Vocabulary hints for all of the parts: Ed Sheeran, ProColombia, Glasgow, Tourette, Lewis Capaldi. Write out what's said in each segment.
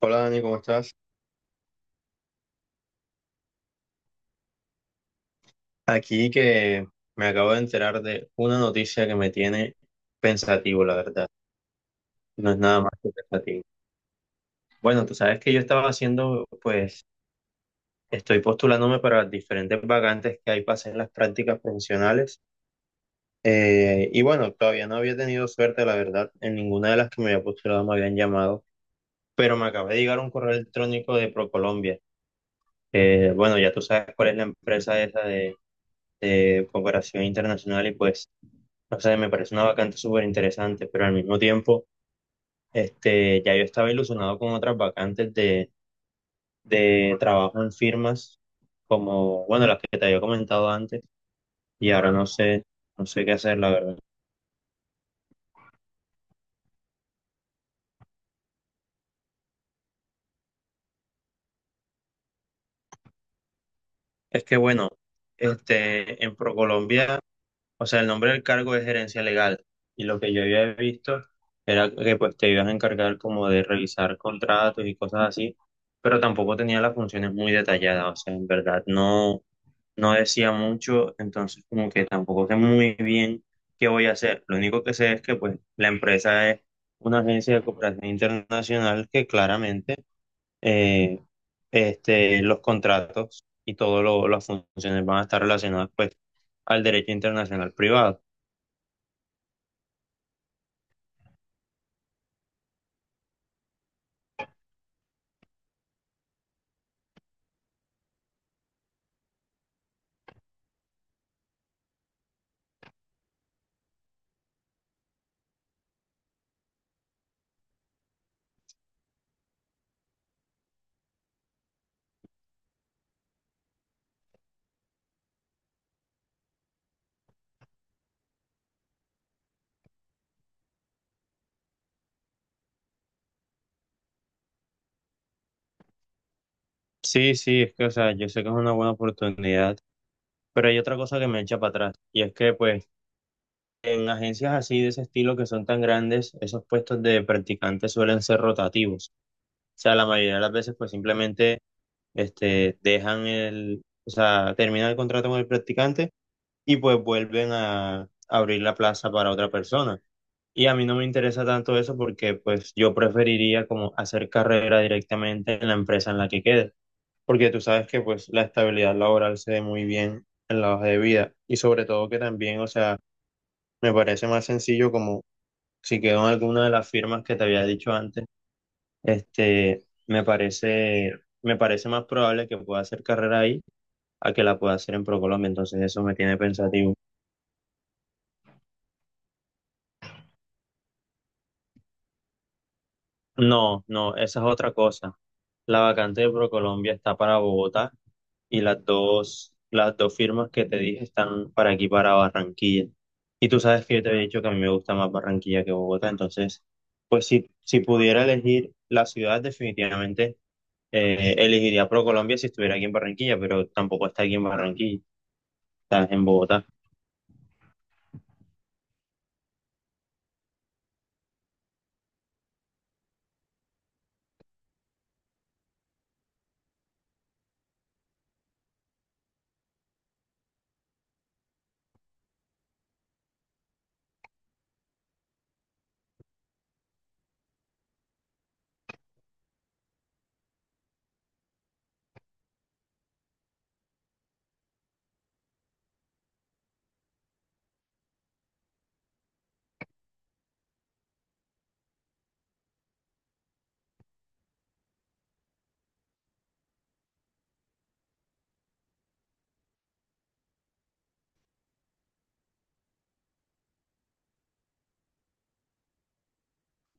Hola Dani, ¿cómo estás? Aquí que me acabo de enterar de una noticia que me tiene pensativo, la verdad. No es nada más que pensativo. Bueno, tú sabes que yo estaba haciendo, pues, estoy postulándome para diferentes vacantes que hay para hacer las prácticas profesionales. Y bueno, todavía no había tenido suerte, la verdad. En ninguna de las que me había postulado me habían llamado, pero me acaba de llegar un correo electrónico de ProColombia. Bueno, ya tú sabes cuál es la empresa esa de cooperación internacional y pues... O sea, me parece una vacante súper interesante, pero al mismo tiempo, ya yo estaba ilusionado con otras vacantes de trabajo en firmas, como, bueno, las que te había comentado antes, y ahora no sé, no sé qué hacer, la verdad. Es que, bueno, en ProColombia, o sea, el nombre del cargo es gerencia legal, y lo que yo había visto era que, pues, te ibas a encargar como de revisar contratos y cosas así, pero tampoco tenía las funciones muy detalladas, o sea, en verdad, no. No decía mucho, entonces como que tampoco sé muy bien qué voy a hacer. Lo único que sé es que pues la empresa es una agencia de cooperación internacional que claramente eh, los contratos y todas las funciones van a estar relacionadas pues al derecho internacional privado. Sí, sí, es que o sea, yo sé que es una buena oportunidad, pero hay otra cosa que me echa para atrás y es que pues en agencias así de ese estilo que son tan grandes, esos puestos de practicantes suelen ser rotativos. O sea, la mayoría de las veces pues simplemente dejan el, o sea, terminan el contrato con el practicante y pues vuelven a abrir la plaza para otra persona. Y a mí no me interesa tanto eso porque pues yo preferiría como hacer carrera directamente en la empresa en la que quede, porque tú sabes que pues la estabilidad laboral se ve muy bien en la hoja de vida y sobre todo que también, o sea, me parece más sencillo como si quedó en alguna de las firmas que te había dicho antes, este, me parece, me parece más probable que pueda hacer carrera ahí a que la pueda hacer en ProColombia, entonces eso me tiene pensativo. No, no, esa es otra cosa. La vacante de ProColombia está para Bogotá y las dos firmas que te dije están para aquí, para Barranquilla. Y tú sabes que yo te había dicho que a mí me gusta más Barranquilla que Bogotá, entonces, pues si pudiera elegir la ciudad, definitivamente elegiría ProColombia si estuviera aquí en Barranquilla, pero tampoco está aquí en Barranquilla. Estás en Bogotá.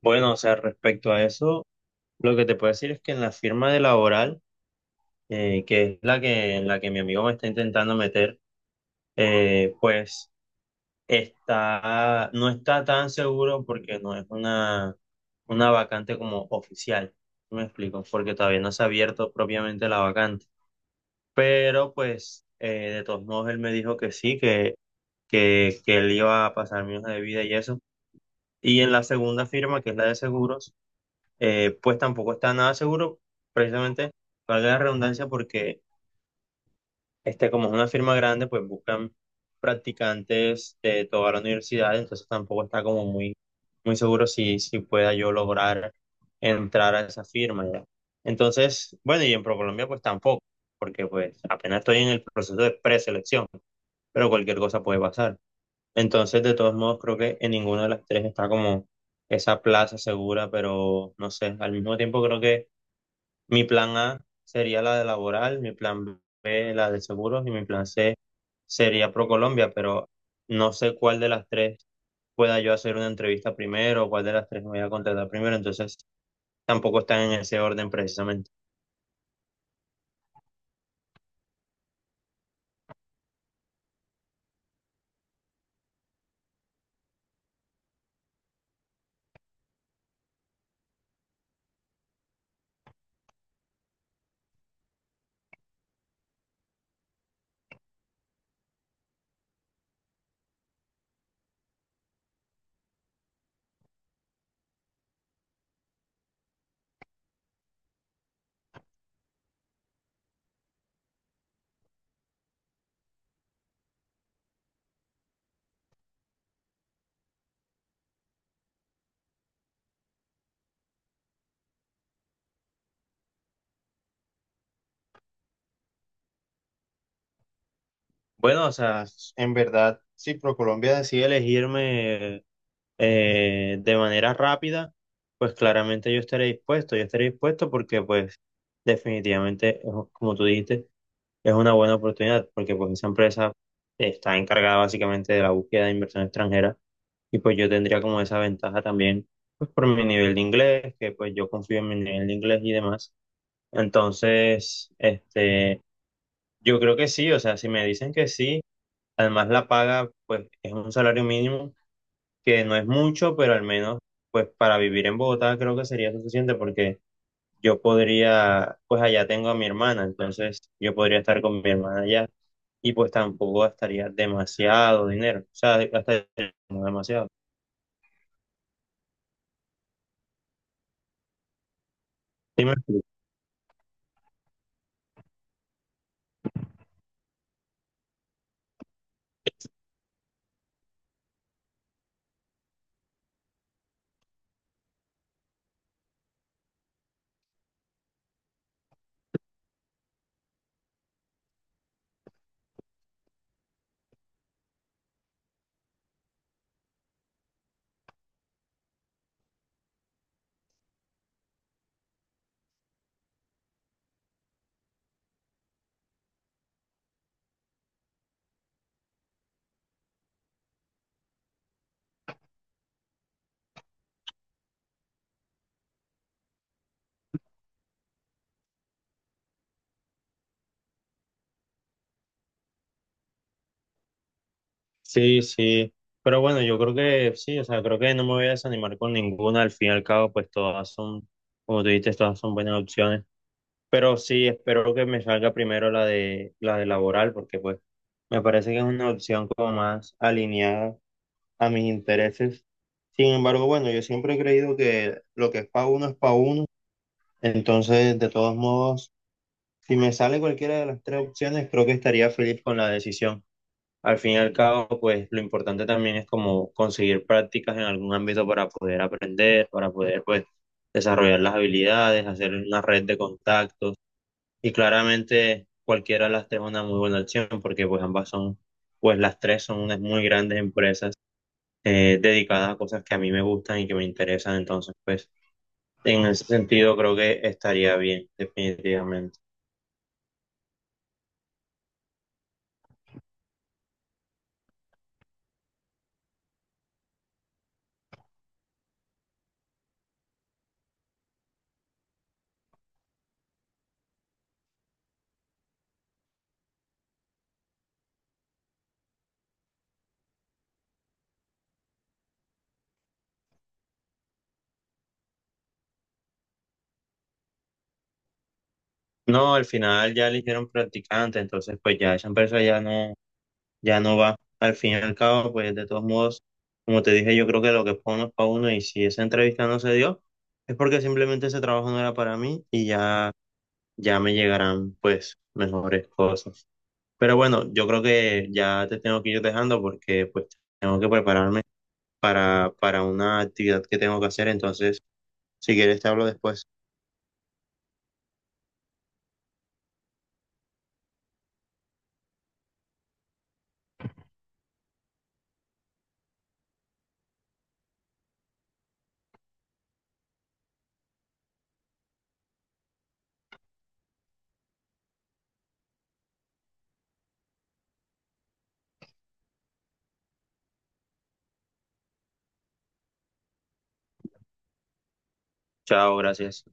Bueno, o sea, respecto a eso, lo que te puedo decir es que en la firma de laboral, que es la que, en la que mi amigo me está intentando meter, pues está, no está tan seguro porque no es una vacante como oficial. ¿Sí me explico? Porque todavía no se ha abierto propiamente la vacante. Pero pues, de todos modos, él me dijo que sí, que él iba a pasar mi hoja de vida y eso. Y en la segunda firma, que es la de seguros, pues tampoco está nada seguro, precisamente, valga la redundancia, porque como es una firma grande, pues buscan practicantes de toda la universidad, entonces tampoco está como muy seguro si, si pueda yo lograr entrar a esa firma ya. Entonces, bueno, y en ProColombia pues tampoco, porque pues apenas estoy en el proceso de preselección, pero cualquier cosa puede pasar. Entonces, de todos modos, creo que en ninguna de las tres está como esa plaza segura, pero no sé, al mismo tiempo creo que mi plan A sería la de laboral, mi plan B la de seguros y mi plan C sería ProColombia, pero no sé cuál de las tres pueda yo hacer una entrevista primero, o cuál de las tres me voy a contratar primero, entonces tampoco están en ese orden precisamente. Bueno, o sea, en verdad, si ProColombia decide elegirme de manera rápida, pues claramente yo estaré dispuesto porque pues definitivamente, como tú dijiste, es una buena oportunidad porque pues esa empresa está encargada básicamente de la búsqueda de inversión extranjera y pues yo tendría como esa ventaja también pues por mi nivel de inglés, que pues yo confío en mi nivel de inglés y demás. Entonces, yo creo que sí, o sea, si me dicen que sí, además la paga pues es un salario mínimo que no es mucho, pero al menos pues para vivir en Bogotá creo que sería suficiente porque yo podría, pues allá tengo a mi hermana, entonces yo podría estar con mi hermana allá y pues tampoco gastaría demasiado dinero, o sea, de- gastaría como demasiado. ¿Sí me explico? Sí, sí. Pero bueno, yo creo que sí, o sea, creo que no me voy a desanimar con ninguna, al fin y al cabo, pues todas son, como tú dijiste, todas son buenas opciones, pero sí, espero que me salga primero la de laboral, porque pues me parece que es una opción como más alineada a mis intereses. Sin embargo, bueno, yo siempre he creído que lo que es para uno es para uno. Entonces, de todos modos, si me sale cualquiera de las tres opciones, creo que estaría feliz con la decisión. Al fin y al cabo, pues lo importante también es como conseguir prácticas en algún ámbito para poder aprender, para poder pues desarrollar las habilidades, hacer una red de contactos. Y claramente cualquiera de las tres es una muy buena opción porque pues ambas son, pues las tres son unas muy grandes empresas dedicadas a cosas que a mí me gustan y que me interesan. Entonces, pues en ese sentido creo que estaría bien, definitivamente. No, al final ya eligieron practicante, entonces pues ya esa empresa ya no, ya no va. Al fin y al cabo, pues de todos modos, como te dije, yo creo que lo que es para uno y si esa entrevista no se dio, es porque simplemente ese trabajo no era para mí y ya, ya me llegarán pues mejores cosas. Pero bueno, yo creo que ya te tengo que ir dejando porque pues tengo que prepararme para una actividad que tengo que hacer, entonces si quieres te hablo después. Chao, gracias.